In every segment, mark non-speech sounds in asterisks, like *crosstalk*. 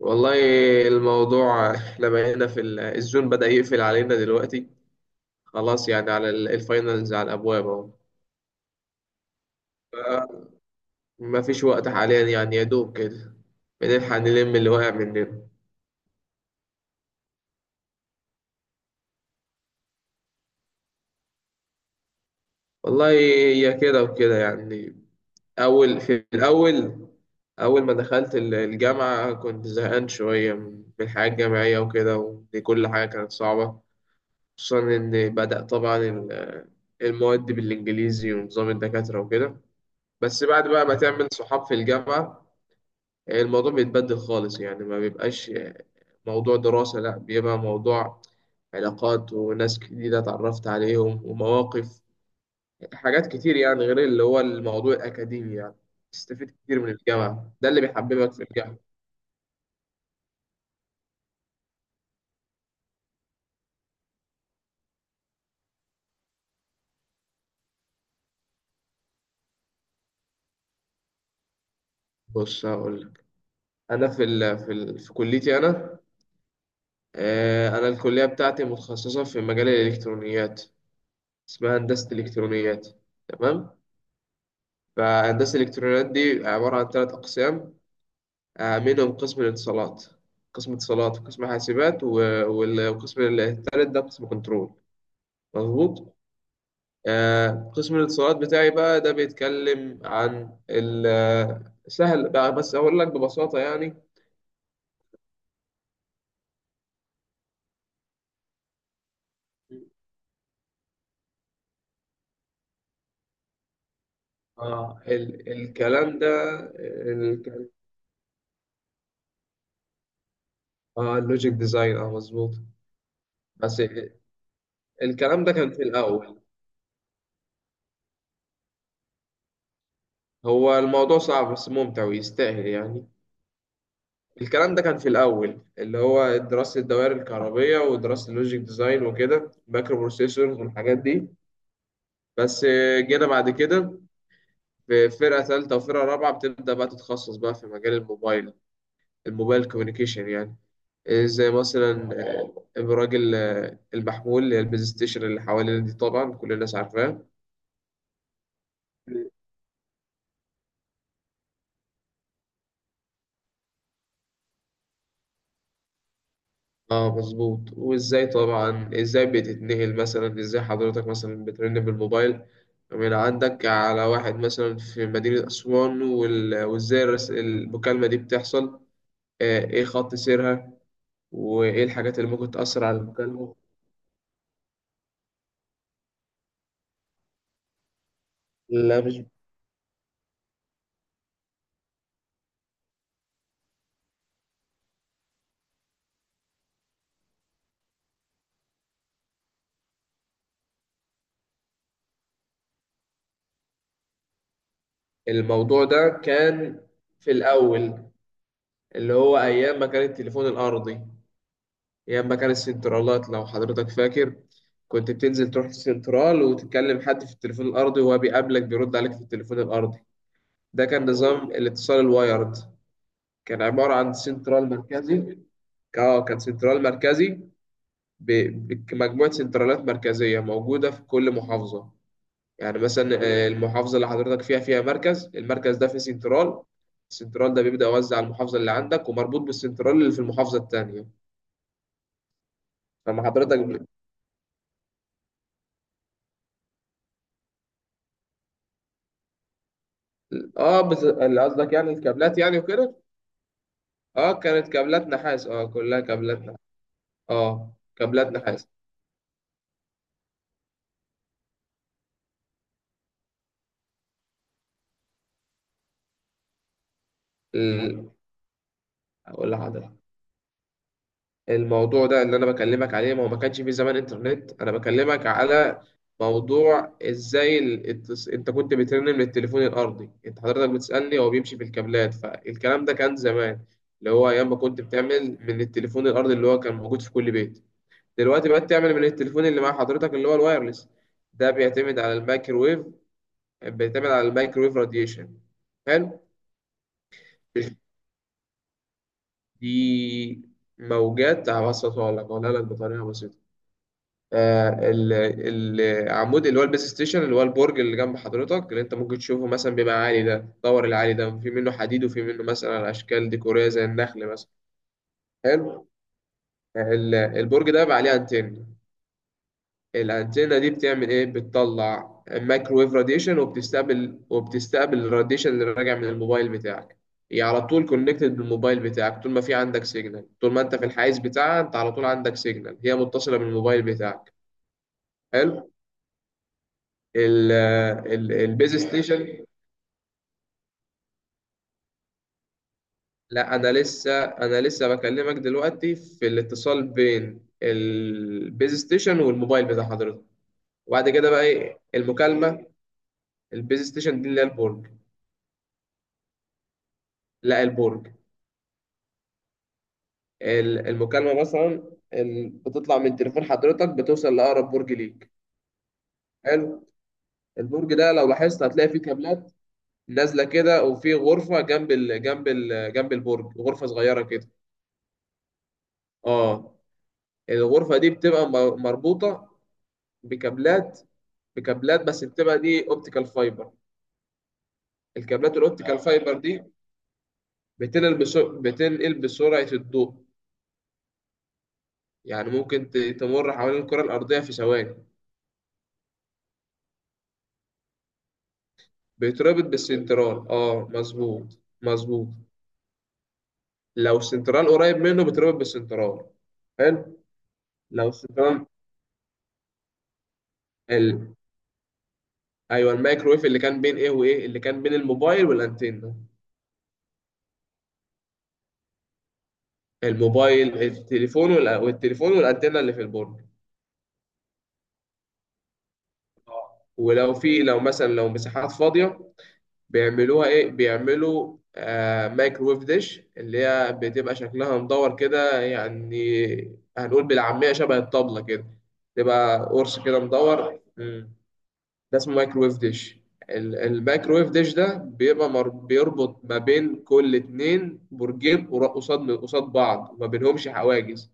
والله، الموضوع احنا بقينا في الزون بدأ يقفل علينا دلوقتي. خلاص يعني، على الفاينلز على الأبواب أهو. ف- مفيش وقت حاليا يعني، يا دوب كده بنلحق نلم اللي واقع مننا. والله هي كده وكده يعني. أول في الأول، أول ما دخلت الجامعة كنت زهقان شوية من الحياة الجامعية وكده، ودي كل حاجة كانت صعبة، خصوصا إن بدأ طبعا المواد بالإنجليزي ونظام الدكاترة وكده. بس بعد بقى ما تعمل صحاب في الجامعة يعني الموضوع بيتبدل خالص يعني، ما بيبقاش موضوع دراسة، لا، بيبقى موضوع علاقات وناس جديدة اتعرفت عليهم ومواقف، حاجات كتير يعني غير اللي هو الموضوع الأكاديمي يعني تستفيد كتير من الجامعة. ده اللي بيحببك في الجامعة. بص هقول لك، أنا في كليتي أنا. أنا الكلية بتاعتي متخصصة في مجال الإلكترونيات، اسمها هندسة الإلكترونيات، تمام. فهندسة الإلكترونيات دي عبارة عن ثلاث أقسام، منهم قسم الاتصالات. قسم اتصالات وقسم حاسبات والقسم الثالث ده قسم كنترول، مظبوط. قسم الاتصالات بتاعي بقى ده بيتكلم عن سهل بقى بس أقول لك ببساطة يعني. اه، الكلام ده. ال اه، اللوجيك ديزاين، اه، مظبوط، بس. الكلام ده كان في الأول. هو الموضوع صعب بس ممتع ويستاهل يعني. الكلام ده كان في الأول، اللي هو دراسة الدوائر الكهربية ودراسة اللوجيك ديزاين وكده، مايكرو بروسيسورز والحاجات دي. بس جينا بعد كده في فرقة ثالثة وفرقة رابعة بتبدأ بقى تتخصص بقى في مجال الموبايل، الموبايل كوميونيكيشن يعني. زي مثلا، الراجل، المحمول، اللي هي البيز ستيشن اللي حوالينا دي، طبعا كل الناس عارفاه. اه مظبوط. وازاي طبعا، ازاي بتتنقل، مثلا ازاي حضرتك مثلا بترن بالموبايل من عندك على واحد مثلا في مدينة أسوان، وازاي المكالمة دي بتحصل، ايه خط سيرها وايه الحاجات اللي ممكن تأثر على المكالمة. لا، مش. الموضوع ده كان في الأول، اللي هو أيام ما كان التليفون الأرضي، يا اما كان السنترالات، لو حضرتك فاكر. كنت بتنزل تروح السنترال وتتكلم حد في التليفون الارضي وهو بيقابلك بيرد عليك في التليفون الارضي. ده كان نظام الاتصال الوايرد، كان عبارة عن سنترال مركزي. اه، كان سنترال مركزي، بمجموعة سنترالات مركزية موجودة في كل محافظة. يعني مثلا، المحافظة اللي حضرتك فيها فيها مركز، المركز ده فيه سنترال. السنترال ده بيبدأ يوزع على المحافظة اللي عندك ومربوط بالسنترال اللي في المحافظة التانية. فلما حضرتك، اه بس اللي قصدك يعني الكابلات يعني وكده. اه كانت كابلات نحاس، اه كلها كابلات نحاس، اه كابلات نحاس. ال- اقول لحضرتك، الموضوع ده اللي انا بكلمك عليه، ما هو ما كانش في زمان انترنت. انا بكلمك على موضوع ازاي انت كنت بترن من التليفون الارضي، انت حضرتك بتسالني هو بيمشي في الكابلات، فالكلام ده كان زمان، اللي هو ايام ما كنت بتعمل من التليفون الارضي اللي هو كان موجود في كل بيت. دلوقتي بقت تعمل من التليفون اللي مع حضرتك اللي هو الوايرلس. ده بيعتمد على الميكروويف، بتعتمد على الميكرويف راديشن. حلو. دي موجات هبسطها لك، اقولها لك بطريقه بسيطه. آه، العمود اللي هو البيس ستيشن، اللي هو البرج اللي جنب حضرتك، اللي انت ممكن تشوفه مثلا، بيبقى عالي، ده دور العالي، ده في منه حديد وفي منه مثلا اشكال ديكوريه زي النخل مثلا. حلو. البرج ده بقى عليه انتن. الأنتنة دي بتعمل إيه؟ بتطلع مايكرويف راديشن، وبتستقبل، وبتستقبل الراديشن اللي راجع من الموبايل بتاعك. هي على طول كونكتد بالموبايل بتاعك، طول ما في عندك سيجنال، طول ما أنت في الحيز بتاعها أنت على طول عندك سيجنال، هي متصلة بالموبايل بتاعك. حلو. ال ال البيز ستيشن. لا، أنا لسه بكلمك دلوقتي في الاتصال بين البيز ستيشن والموبايل بتاع حضرتك، وبعد كده بقى إيه المكالمة. البيز ستيشن دي اللي هي البرج. لا، البرج. المكالمة مثلا بتطلع من تليفون حضرتك، بتوصل لأقرب برج ليك. حلو. البرج ده لو لاحظت هتلاقي فيه كابلات نازلة كده، وفي غرفة جنب ال جنب ال جنب البرج، غرفة صغيرة كده. اه. الغرفة دي بتبقى مربوطة بكابلات بكابلات بس بتبقى دي اوبتيكال فايبر. الكابلات الاوبتيكال فايبر دي بتنقل بتنقل بسرعة الضوء. يعني ممكن تمر حوالين الكرة الأرضية في ثواني. بيتربط بالسنترال، اه مظبوط، مظبوط. لو السنترال قريب منه بيتربط بالسنترال. حلو. لو السنترال ال... ايوه، الميكرويف اللي كان بين ايه وايه، اللي كان بين الموبايل والانتنه، الموبايل، التليفون والتليفون والانتنه اللي في البرج. ولو في، لو مثلا لو مساحات فاضيه، بيعملوها ايه، بيعملوا آه مايكرويف ديش، اللي هي بتبقى شكلها مدور كده، يعني هنقول بالعاميه شبه الطبله كده، تبقى قرص كده مدور، ده اسمه مايكرويف ديش. المايكرويف ديش ده بيبقى بيربط ما بين كل اتنين برجين قصاد قصاد بعض وما بينهمش حواجز.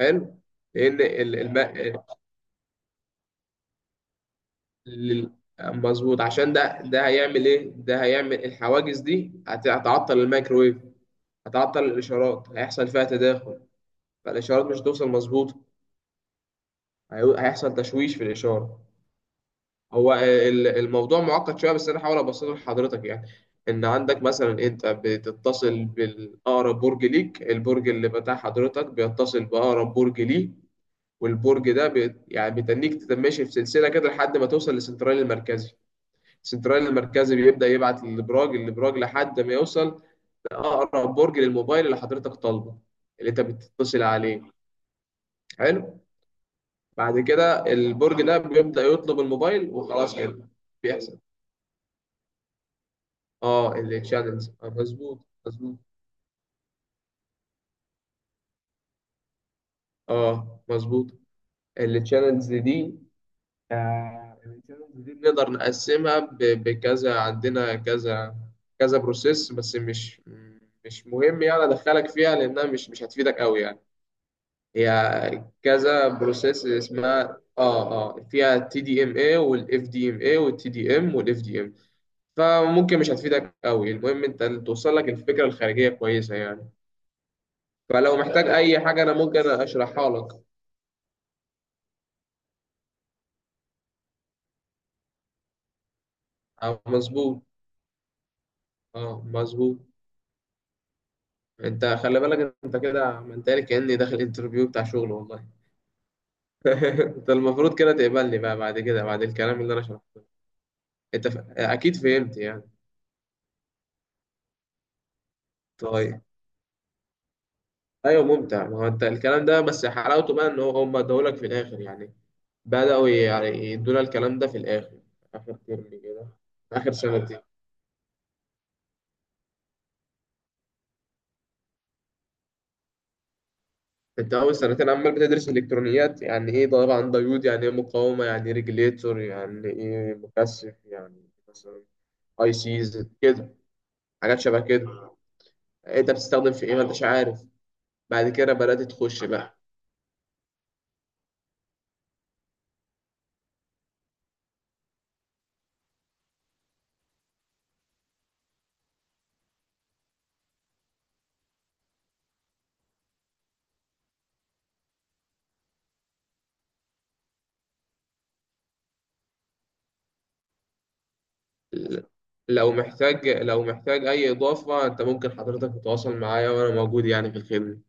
حلو. لان ال- مظبوط، عشان ده هيعمل ايه، ده هيعمل الحواجز دي هتعطل المايكرويف، هتعطل الاشارات، هيحصل فيها تداخل، فالاشارات مش هتوصل مظبوط، هيحصل تشويش في الاشاره. هو الموضوع معقد شويه بس انا هحاول ابسطه لحضرتك يعني. ان عندك مثلا، انت بتتصل بالاقرب برج ليك، البرج اللي بتاع حضرتك بيتصل باقرب برج ليه، والبرج ده يعني بيتنيك تتماشي في سلسله كده لحد ما توصل للسنترال المركزي. السنترال المركزي بيبدا يبعت للابراج، الابراج لحد ما يوصل لاقرب برج للموبايل اللي حضرتك طالبه، اللي انت بتتصل عليه. حلو. بعد كده البرج ده بيبدا يطلب الموبايل وخلاص كده. بيحصل. اه، التشانلز، مظبوط، مظبوط، اه مظبوط. التشانلز دي، آه، التشانلز دي بنقدر نقسمها بكذا، عندنا كذا كذا بروسيس، بس مش مهم يعني ادخلك فيها لانها مش هتفيدك قوي يعني. هي كذا بروسيس اسمها، اه، اه، فيها TDMA وFDMA وTDM وFDM. فممكن مش هتفيدك قوي، المهم انت توصل لك الفكره الخارجيه كويسه يعني. فلو محتاج اي حاجه انا ممكن اشرحها لك. اه مظبوط، اه مظبوط. انت خلي بالك، انت كده منتهي كاني داخل انترفيو بتاع شغل، والله *laughs* انت المفروض كده تقبلني بقى بعد كده، بعد الكلام اللي انا شرحته. انت اكيد فهمت يعني. طيب. ايوه ممتع، ما هو انت الكلام ده بس حلاوته بقى ان هم ادولك في الاخر يعني. بدأوا يعني يدونا الكلام ده في الاخر، اخر ترم كده، اخر سنتين. انت اول سنتين عمال بتدرس الكترونيات، يعني ايه طبعا ديود، يعني ايه مقاومه، يعني ايه ريجليتور، يعني ايه مكثف يعني، مثلا ICs كده، حاجات شبه كده. انت بتستخدم في ايه ما انتش عارف. بعد كده بدات تخش بقى. لو محتاج، لو محتاج اي اضافه انت ممكن حضرتك تتواصل معايا، وانا موجود يعني في الخدمه.